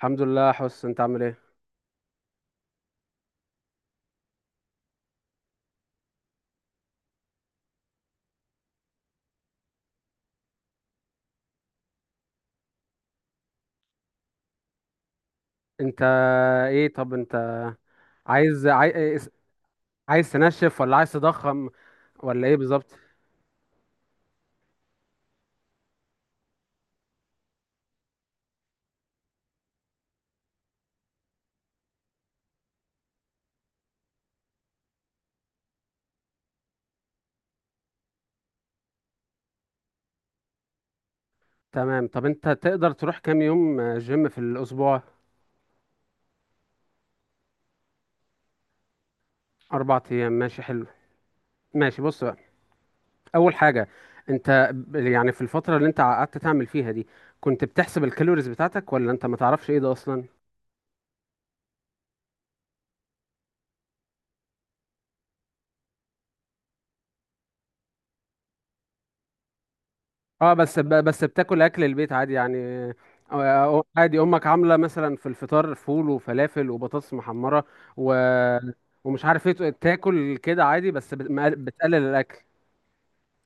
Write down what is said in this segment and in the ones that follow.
الحمد لله. حس، انت عامل ايه؟ انت ايه طب انت عايز عايز عايز تنشف ولا عايز تضخم ولا ايه بالظبط؟ تمام. طب انت تقدر تروح كام يوم جيم في الاسبوع؟ اربع ايام، ماشي حلو. ماشي، بص بقى. اول حاجه، انت يعني في الفتره اللي انت قعدت تعمل فيها دي كنت بتحسب الكالوريز بتاعتك ولا انت ما تعرفش ايه ده اصلا؟ اه، بس بتاكل اكل البيت عادي يعني. عادي، امك عامله مثلا في الفطار فول وفلافل وبطاطس محمره و... ومش عارف ايه، تاكل كده عادي بس بتقلل الاكل.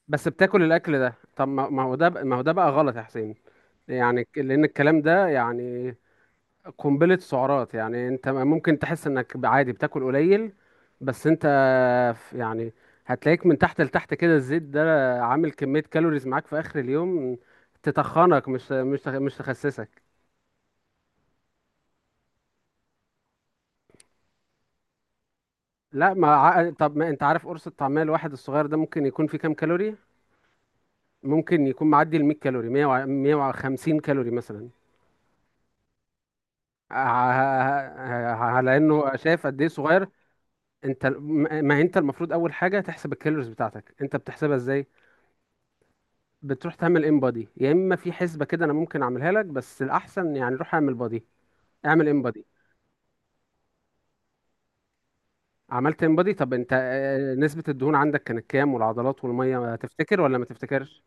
بس بتاكل الاكل ده. طب ما هو ده بقى غلط يا حسين. يعني لان الكلام ده يعني قنبله سعرات. يعني انت ممكن تحس انك عادي بتاكل قليل، بس انت يعني هتلاقيك من تحت لتحت كده الزيت ده عامل كمية كالوريز معاك في آخر اليوم، تتخنك مش تخسسك. لا، ما ع- طب ما انت عارف قرص الطعمية الواحد الصغير ده ممكن يكون فيه كام كالوري؟ ممكن يكون معدي ال 100 كالوري، 100 150 كالوري مثلا. على انه شايف قد ايه صغير. انت ال- ما ما انت المفروض اول حاجة تحسب الكالوريز بتاعتك. انت بتحسبها ازاي؟ بتروح تعمل ان بادي، يا اما في حسبة كده انا ممكن اعملها لك، بس الاحسن يعني روح اعمل بادي، اعمل ان بادي. عملت انبادي. طب انت، نسبة الدهون عندك كانت كام، والعضلات والمية تفتكر ولا ما تفتكرش؟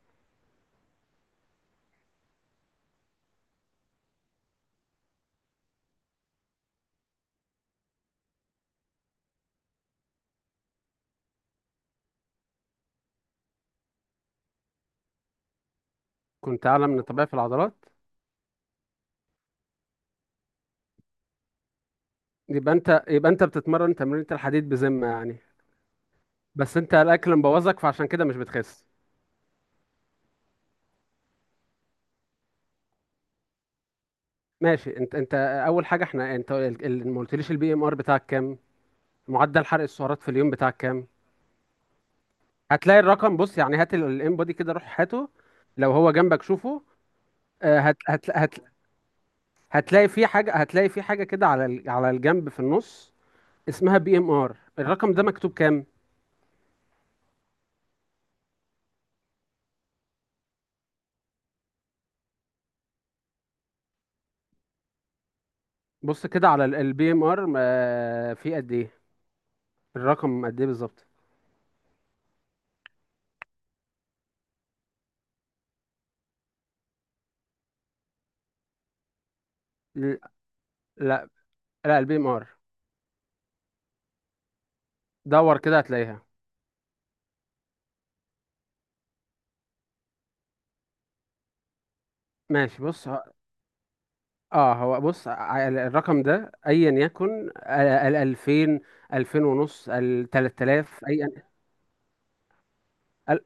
كنت اعلى من الطبيعي في العضلات. يبقى انت بتتمرن تمرينة الحديد بذمة يعني. بس انت الاكل مبوظك، فعشان كده مش بتخس. ماشي. انت اول حاجة، احنا انت ما قلتليش البي ام ار بتاعك كام، معدل حرق السعرات في اليوم بتاعك كام. هتلاقي الرقم. بص يعني، هات الانبادي كده، روح هاته. لو هو جنبك شوفه. آه، هت هت هت هتلاقي في حاجة، كده على على الجنب في النص، اسمها بي ام ار. الرقم ده مكتوب كام؟ بص كده على البي ام ار في قد ايه. الرقم قد ايه بالظبط؟ ل- لا، لا، البي ام ار. دور كده هتلاقيها. ماشي، اه، هو بص، الرقم ده ايا يكن ال 2000، 2000 ونص، ال 3000 اي، ال-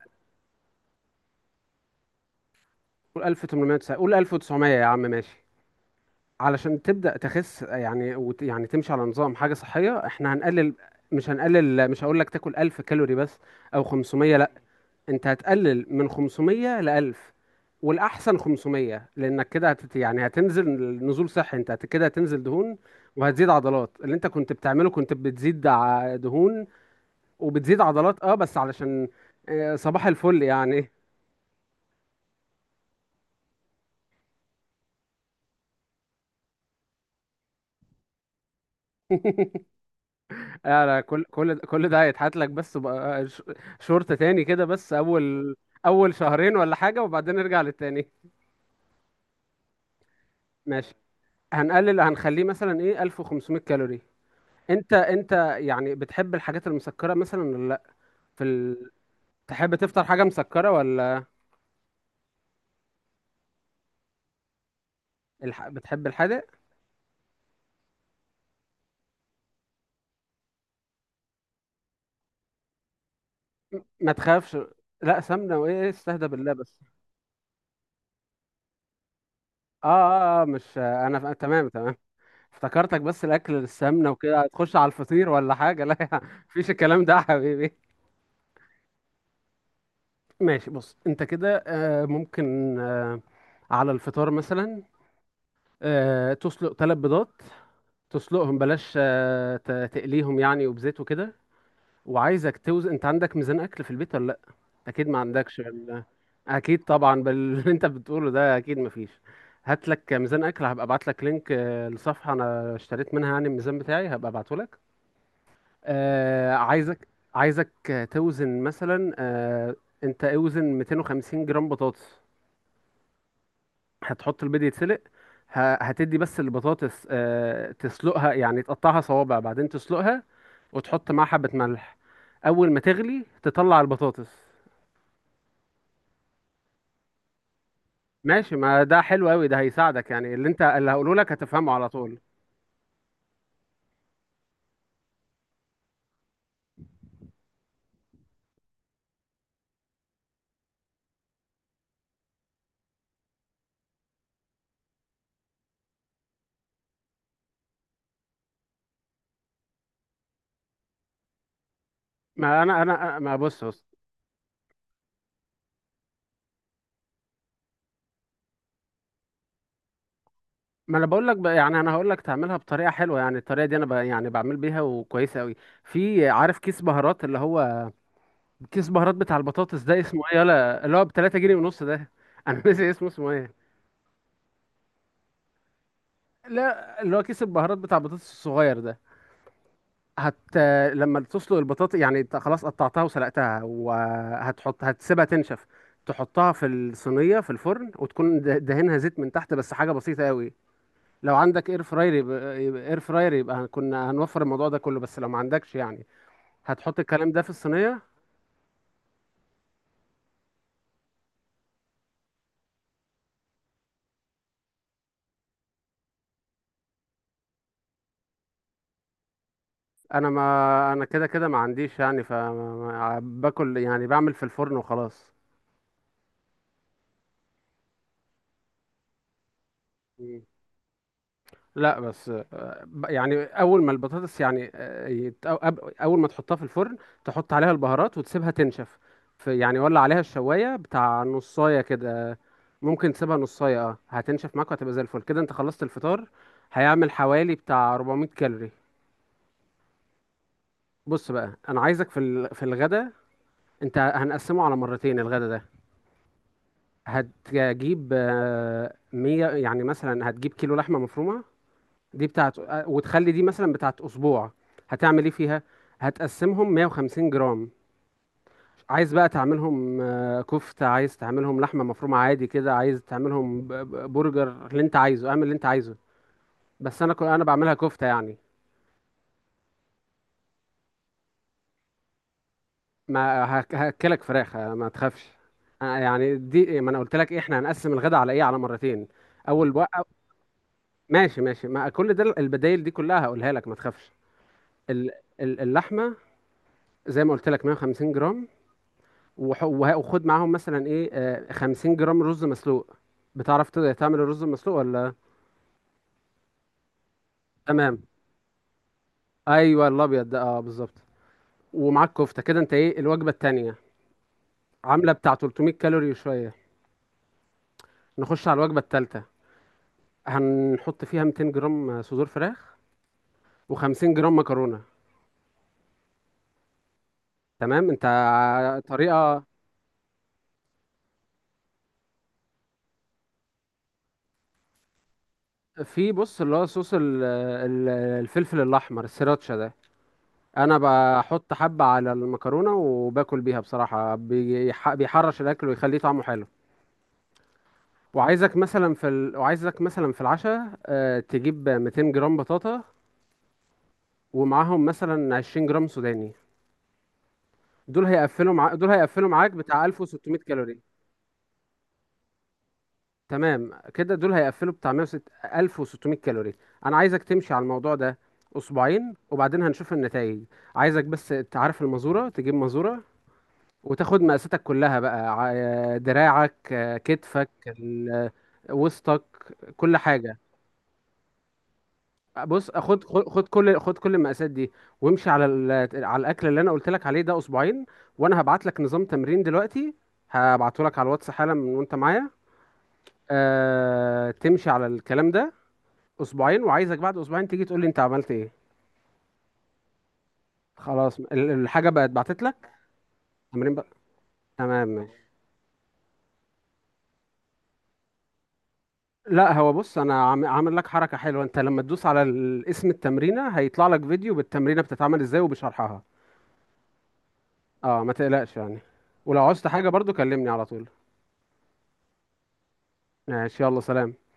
قول 1890، قول 1900 يا عم، ماشي. علشان تبدأ تخس، يعني يعني تمشي على نظام حاجة صحية. احنا هنقلل، مش هنقلل، مش هقول لك تاكل 1000 كالوري بس، او 500. انت هتقلل من 500 ل 1000، والاحسن 500 لانك كده يعني هتنزل نزول صحي. انت كده هتنزل دهون وهتزيد عضلات. اللي انت كنت بتعمله كنت بتزيد دهون وبتزيد عضلات، اه، بس علشان صباح الفل يعني. لا، كل ده هيتحط لك، بس بقى شورت تاني كده. بس اول شهرين ولا حاجة وبعدين نرجع للتاني. ماشي، هنقلل، هنخليه مثلا ايه 1500 كالوري. انت يعني بتحب الحاجات المسكرة مثلا، في ال... تحب تفطر حاجة مسكرة ولا بتحب الحادق؟ ما تخافش، لا، سمنة وايه إيه، استهدى بالله بس. اه، اه، مش انا تمام، تمام. افتكرتك، بس الاكل السمنة وكده هتخش على الفطير ولا حاجة، لا. مفيش الكلام ده يا حبيبي. ماشي، بص انت كده ممكن، على الفطار مثلا تسلق ثلاث بيضات، تسلقهم، بلاش تقليهم يعني وبزيت وكده. وعايزك توزن. انت عندك ميزان اكل في البيت ولا لا؟ اكيد ما عندكش، ولا اكيد طبعا باللي انت بتقوله ده اكيد ما فيش. هات لك ميزان اكل، هبقى ابعت لك لينك لصفحه انا اشتريت منها يعني الميزان بتاعي، هبقى ابعته لك. عايزك، عايزك توزن مثلا، انت اوزن 250 جرام بطاطس. هتحط البيض يتسلق، هتدي بس البطاطس، تسلقها يعني، تقطعها صوابع بعدين تسلقها وتحط معاها حبة ملح. اول ما تغلي تطلع البطاطس. ماشي، ما ده حلو قوي، ده هيساعدك يعني، اللي انت اللي هقوله لك هتفهمه على طول. ما بص بص، ما انا بقول لك بقى يعني، انا هقول لك تعملها بطريقه حلوه، يعني الطريقه دي انا يعني بعمل بيها وكويسه قوي. في، عارف كيس بهارات، اللي هو كيس بهارات بتاع البطاطس ده اسمه ايه يلا، اللي هو ب 3 جنيه ونص ده، انا ناسي اسمه اسمه ايه؟ لا، اللي هو كيس البهارات بتاع البطاطس الصغير ده. هت لما تسلق البطاطا يعني، انت خلاص قطعتها وسلقتها، هتسيبها تنشف. تحطها في الصينية في الفرن، وتكون دهنها زيت من تحت، بس حاجة بسيطة قوي. لو عندك اير فراير يبقى اير فراير، يبقى كنا هنوفر الموضوع ده كله، بس لو ما عندكش يعني، هتحط الكلام ده في الصينية. ما انا كده كده ما عنديش يعني، فباكل يعني بعمل في الفرن وخلاص. لا، بس يعني اول ما البطاطس يعني اول ما تحطها في الفرن تحط عليها البهارات وتسيبها تنشف. في يعني ولا عليها الشوايه بتاع نصايه كده، ممكن تسيبها نصايه، اه هتنشف معاك وهتبقى زي الفل كده. انت خلصت الفطار، هيعمل حوالي بتاع 400 كالوري. بص بقى، انا عايزك في الغدا. انت هنقسمه على مرتين، الغدا ده. هتجيب، 100 يعني مثلا، هتجيب كيلو لحمه مفرومه، دي بتاعت، وتخلي دي مثلا بتاعت اسبوع. هتعمل ايه فيها؟ هتقسمهم 150 جرام. عايز بقى تعملهم كفتة، عايز تعملهم لحمة مفرومة عادي كده، عايز تعملهم برجر، اللي انت عايزه اعمل اللي انت عايزه. بس انا بعملها كفتة يعني. ما هك- هاكلك فراخ، ما تخافش. يعني دي ما انا قلت لك إيه، احنا هنقسم الغداء على ايه، على مرتين. اول بقى، ماشي ماشي، ما كل ده البدايل دي كلها هقولها لك ما تخافش. ال- اللحمة زي ما قلت لك 150 جرام. وخد معاهم مثلا ايه 50 جرام رز مسلوق. بتعرف تعمل الرز المسلوق ولا؟ تمام. ايوه الابيض ده، اه بالظبط. ومعاك كفته كده. انت ايه، الوجبه التانية عامله بتاع 300 كالوري وشويه. نخش على الوجبه التالتة، هنحط فيها 200 جرام صدور فراخ و50 جرام مكرونه. تمام. طريقه، في بص اللي هو صوص الفلفل الاحمر السيراتشا ده، انا بحط حبة على المكرونة وباكل بيها بصراحة، بيحرش الاكل ويخليه طعمه حلو. وعايزك مثلا في العشاء تجيب 200 جرام بطاطا، ومعاهم مثلا 20 جرام سوداني. دول هيقفلوا معاك بتاع 1600 كالوري. تمام كده، دول هيقفلوا بتاع 106 1600 كالوري. انا عايزك تمشي على الموضوع ده اسبوعين، وبعدين هنشوف النتائج. عايزك بس تعرف المزورة، تجيب مزورة، وتاخد مقاساتك كلها بقى، دراعك، كتفك، وسطك، كل حاجة. بص، خد خد خد، كل المقاسات دي، وامشي على على الاكل اللي انا قلت لك عليه ده اسبوعين، وانا هبعت لك نظام تمرين دلوقتي، هبعته لك على الواتس حالا من وانت معايا. أه، تمشي على الكلام ده اسبوعين، وعايزك بعد اسبوعين تيجي تقول لي انت عملت ايه. خلاص، الحاجة بقت بعتت لك، تمرين بقى. تمام. لا، هو بص انا عامل لك حركه حلوه. انت لما تدوس على اسم التمرينه هيطلع لك فيديو بالتمرينه بتتعمل ازاي وبشرحها. اه، ما تقلقش يعني، ولو عوزت حاجه برضو كلمني على طول. ماشي، يلا سلام.